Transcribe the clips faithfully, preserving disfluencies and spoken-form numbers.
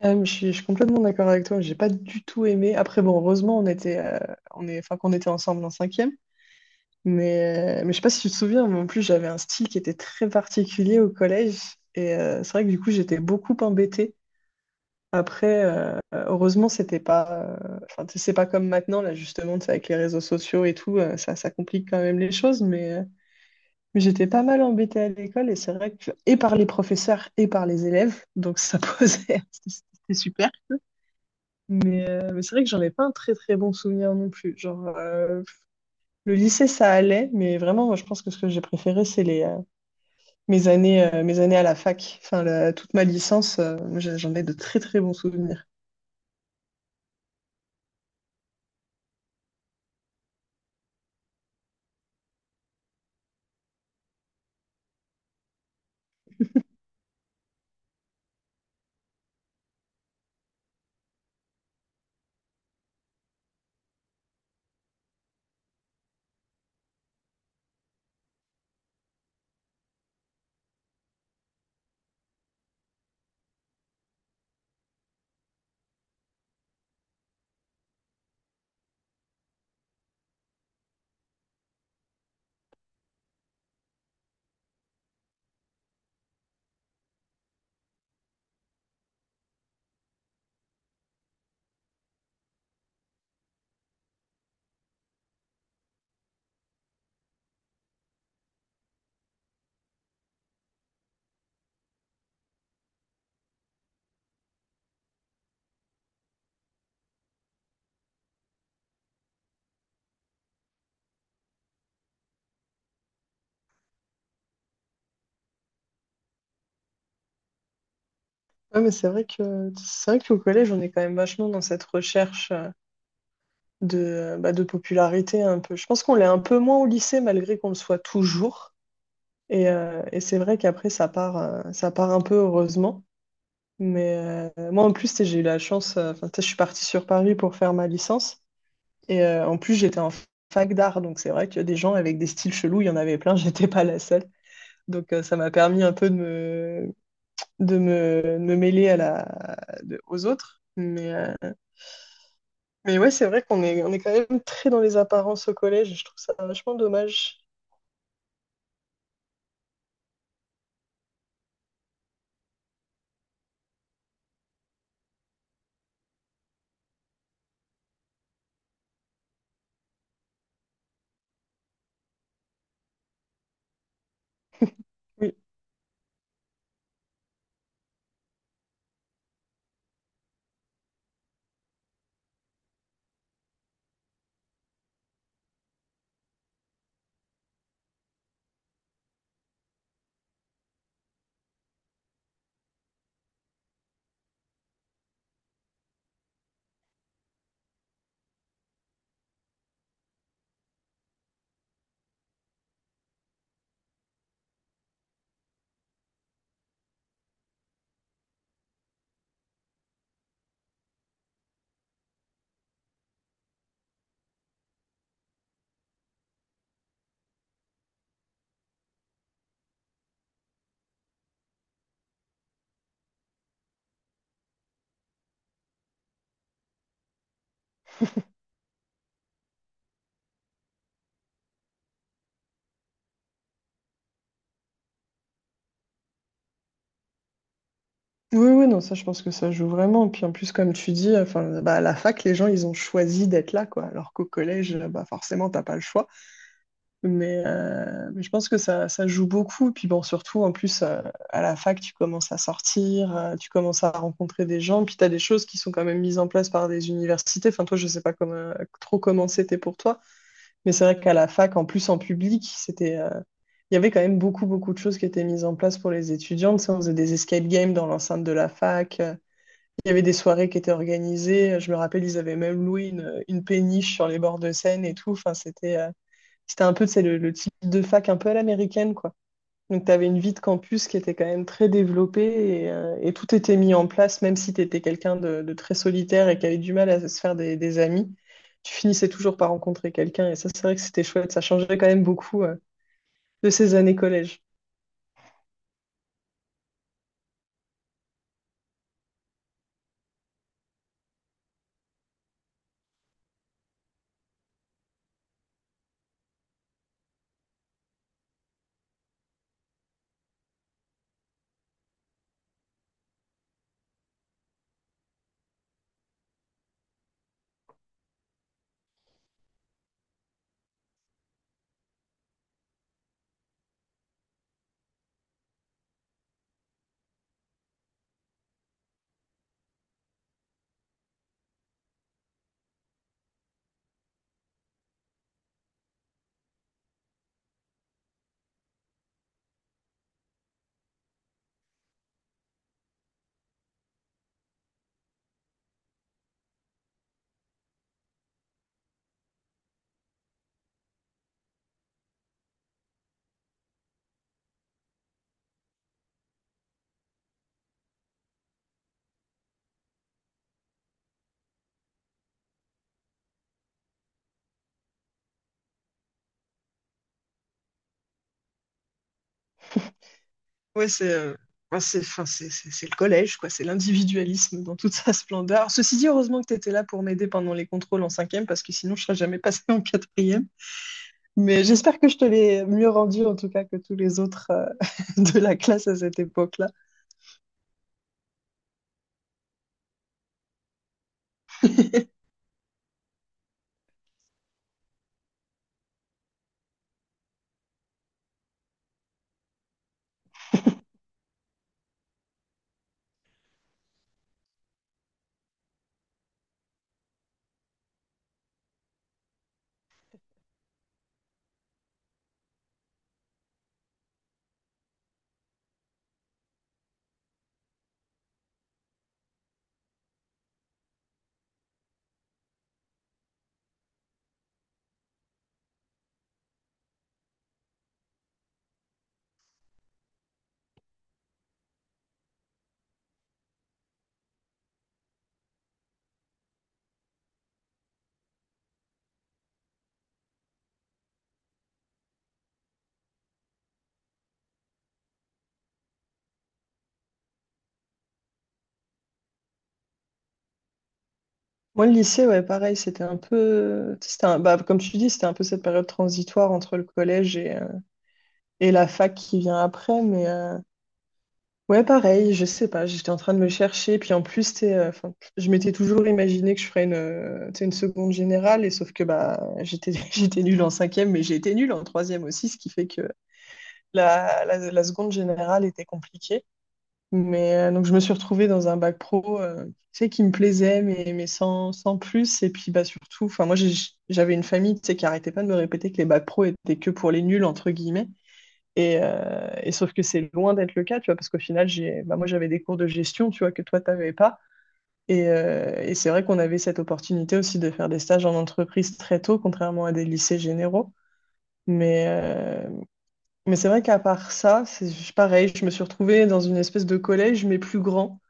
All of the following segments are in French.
Ah, je suis, je suis complètement d'accord avec toi, j'ai pas du tout aimé. Après, bon, heureusement, on était, euh, on est, enfin, qu'on était ensemble en cinquième, mais, euh, mais je sais pas si tu te souviens, mais en plus, j'avais un style qui était très particulier au collège, et euh, c'est vrai que du coup, j'étais beaucoup embêtée. Après, euh, heureusement, c'était pas, euh, enfin, tu sais, c'est pas comme maintenant, là, justement, tu sais, avec les réseaux sociaux et tout, euh, ça, ça complique quand même les choses, mais, euh, mais j'étais pas mal embêtée à l'école, et c'est vrai que, et par les professeurs et par les élèves, donc ça posait, c'était c'était super. Mais, euh, mais c'est vrai que j'en ai pas un très très bon souvenir non plus. Genre, euh, le lycée, ça allait, mais vraiment, moi, je pense que ce que j'ai préféré, c'est les, euh, mes années, euh, mes années à la fac. Enfin, la- toute ma licence, euh, j'ai- j'en ai de très très bons souvenirs. Ouais, mais c'est vrai que c'est vrai qu'au collège, on est quand même vachement dans cette recherche euh, de, euh, bah, de popularité un peu. Je pense qu'on l'est un peu moins au lycée, malgré qu'on le soit toujours. Et, euh, et c'est vrai qu'après, ça part, euh, ça part un peu heureusement. Mais euh, moi, en plus, tu sais, j'ai eu la chance, euh, enfin, tu sais, je suis partie sur Paris pour faire ma licence. Et euh, en plus, j'étais en fac d'art, donc c'est vrai que des gens avec des styles chelous, il y en avait plein, j'étais pas la seule. Donc euh, ça m'a permis un peu de me, de me, de me mêler à la, de- aux autres. Mais, euh, mais ouais, c'est vrai qu'on est, on est quand même très dans les apparences au collège, et je trouve ça vachement dommage. Oui, oui, oui, non, ça, je pense que ça joue vraiment. Puis en plus, comme tu dis, enfin, bah, à la fac, les gens, ils ont choisi d'être là, quoi. Alors qu'au collège, bah, forcément, t'as pas le choix. Mais, euh, mais je pense que ça, ça joue beaucoup. Puis bon, surtout, en plus, euh, à la fac, tu commences à sortir, euh, tu commences à rencontrer des gens. Puis tu as des choses qui sont quand même mises en place par des universités. Enfin, toi, je sais pas comme, euh, trop comment c'était pour toi. Mais c'est vrai qu'à la fac, en plus, en public, c'était, euh, il y avait quand même beaucoup, beaucoup de choses qui étaient mises en place pour les étudiants. Tu sais, on faisait des escape games dans l'enceinte de la fac. Euh, Il y avait des soirées qui étaient organisées. Je me rappelle, ils avaient même loué une, une péniche sur les bords de Seine et tout. Enfin, c'était... euh, c'était un peu, c'est le, le type de fac un peu à l'américaine, quoi. Donc, tu avais une vie de campus qui était quand même très développée et, euh, et tout était mis en place, même si tu étais quelqu'un de, de très solitaire et qui avait du mal à se faire des, des amis. Tu finissais toujours par rencontrer quelqu'un et ça, c'est vrai que c'était chouette. Ça changeait quand même beaucoup euh, de ces années collège. Ouais, c'est euh, enfin, c'est enfin, c'est- c'est- c'est le collège, quoi. C'est l'individualisme dans toute sa splendeur. Ceci dit, heureusement que tu étais là pour m'aider pendant les contrôles en cinquième, parce que sinon, je serais jamais passée en quatrième. Mais j'espère que je te l'ai mieux rendu en tout cas que tous les autres euh, de la classe à cette époque-là. Moi, le lycée, ouais, pareil, c'était un peu, c'était un- bah, comme tu dis, c'était un peu cette période transitoire entre le collège et, euh, et la fac qui vient après. Mais euh, ouais, pareil, je sais pas, j'étais en train de me chercher. Puis en plus, t'es, euh, 'fin, je m'étais toujours imaginé que je ferais une, euh, tu sais, une seconde générale, et sauf que bah, j'étais, j'étais nulle en cinquième, mais j'ai été nulle en troisième aussi, ce qui fait que la, la la seconde générale était compliquée. Mais euh, donc je me suis retrouvée dans un bac pro, euh, tu sais, qui me plaisait, mais, mais sans, sans plus. Et puis bah surtout, enfin moi j'ai- j'avais une famille, tu sais, qui arrêtait pas de me répéter que les bacs pro étaient que pour les nuls entre guillemets. Et, euh, et sauf que c'est loin d'être le cas, tu vois, parce qu'au final j'ai, bah moi j'avais des cours de gestion, tu vois, que toi t'avais pas. Et, euh, et c'est vrai qu'on avait cette opportunité aussi de faire des stages en entreprise très tôt, contrairement à des lycées généraux. Mais, euh, mais c'est vrai qu'à part ça, c'est pareil, je me suis retrouvée dans une espèce de collège, mais plus grand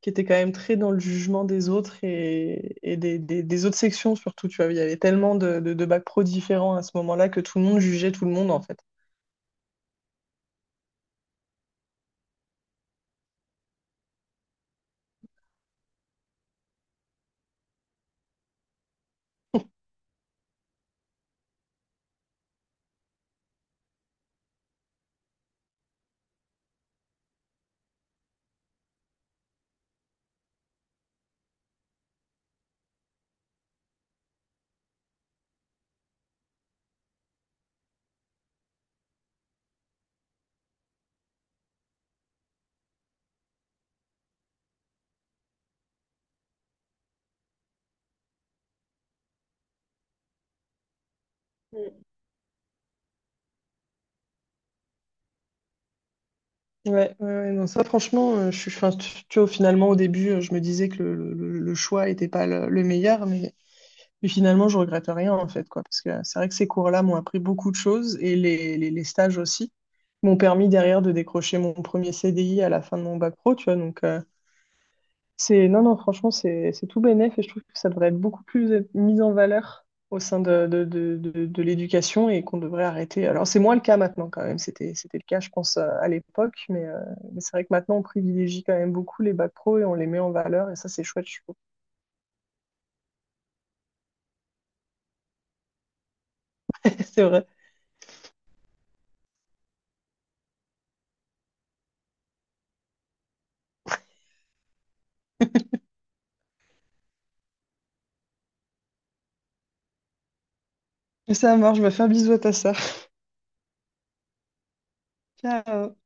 qui était quand même très dans le jugement des autres et, et des, des- des autres sections surtout, tu vois. Il y avait tellement de, de, de bacs pro différents à ce moment-là que tout le monde jugeait tout le monde, en fait. Mm. Ouais, ouais, ouais, non, ça franchement, euh, je suis, enfin, tu, tu vois, finalement au début, euh, je me disais que le, le- le- le choix n'était pas le, le meilleur, mais, mais finalement, je regrette rien en fait, quoi, parce que euh, c'est vrai que ces cours-là m'ont appris beaucoup de choses et les, les, les stages aussi m'ont permis derrière de décrocher mon premier C D I à la fin de mon bac pro, tu vois, donc euh, c'est, non, non, franchement, c'est c'est tout bénef et je trouve que ça devrait être beaucoup plus être mis en valeur au sein de, de, de, de, de l'éducation et qu'on devrait arrêter. Alors, c'est moins le cas maintenant quand même. C'était, c'était le cas, je pense, euh, à l'époque, mais, euh, mais c'est vrai que maintenant, on privilégie quand même beaucoup les bacs pro et on les met en valeur et ça, c'est chouette, je trouve. C'est vrai. Ça marche, je vais faire un bisou à ta sœur. Ciao.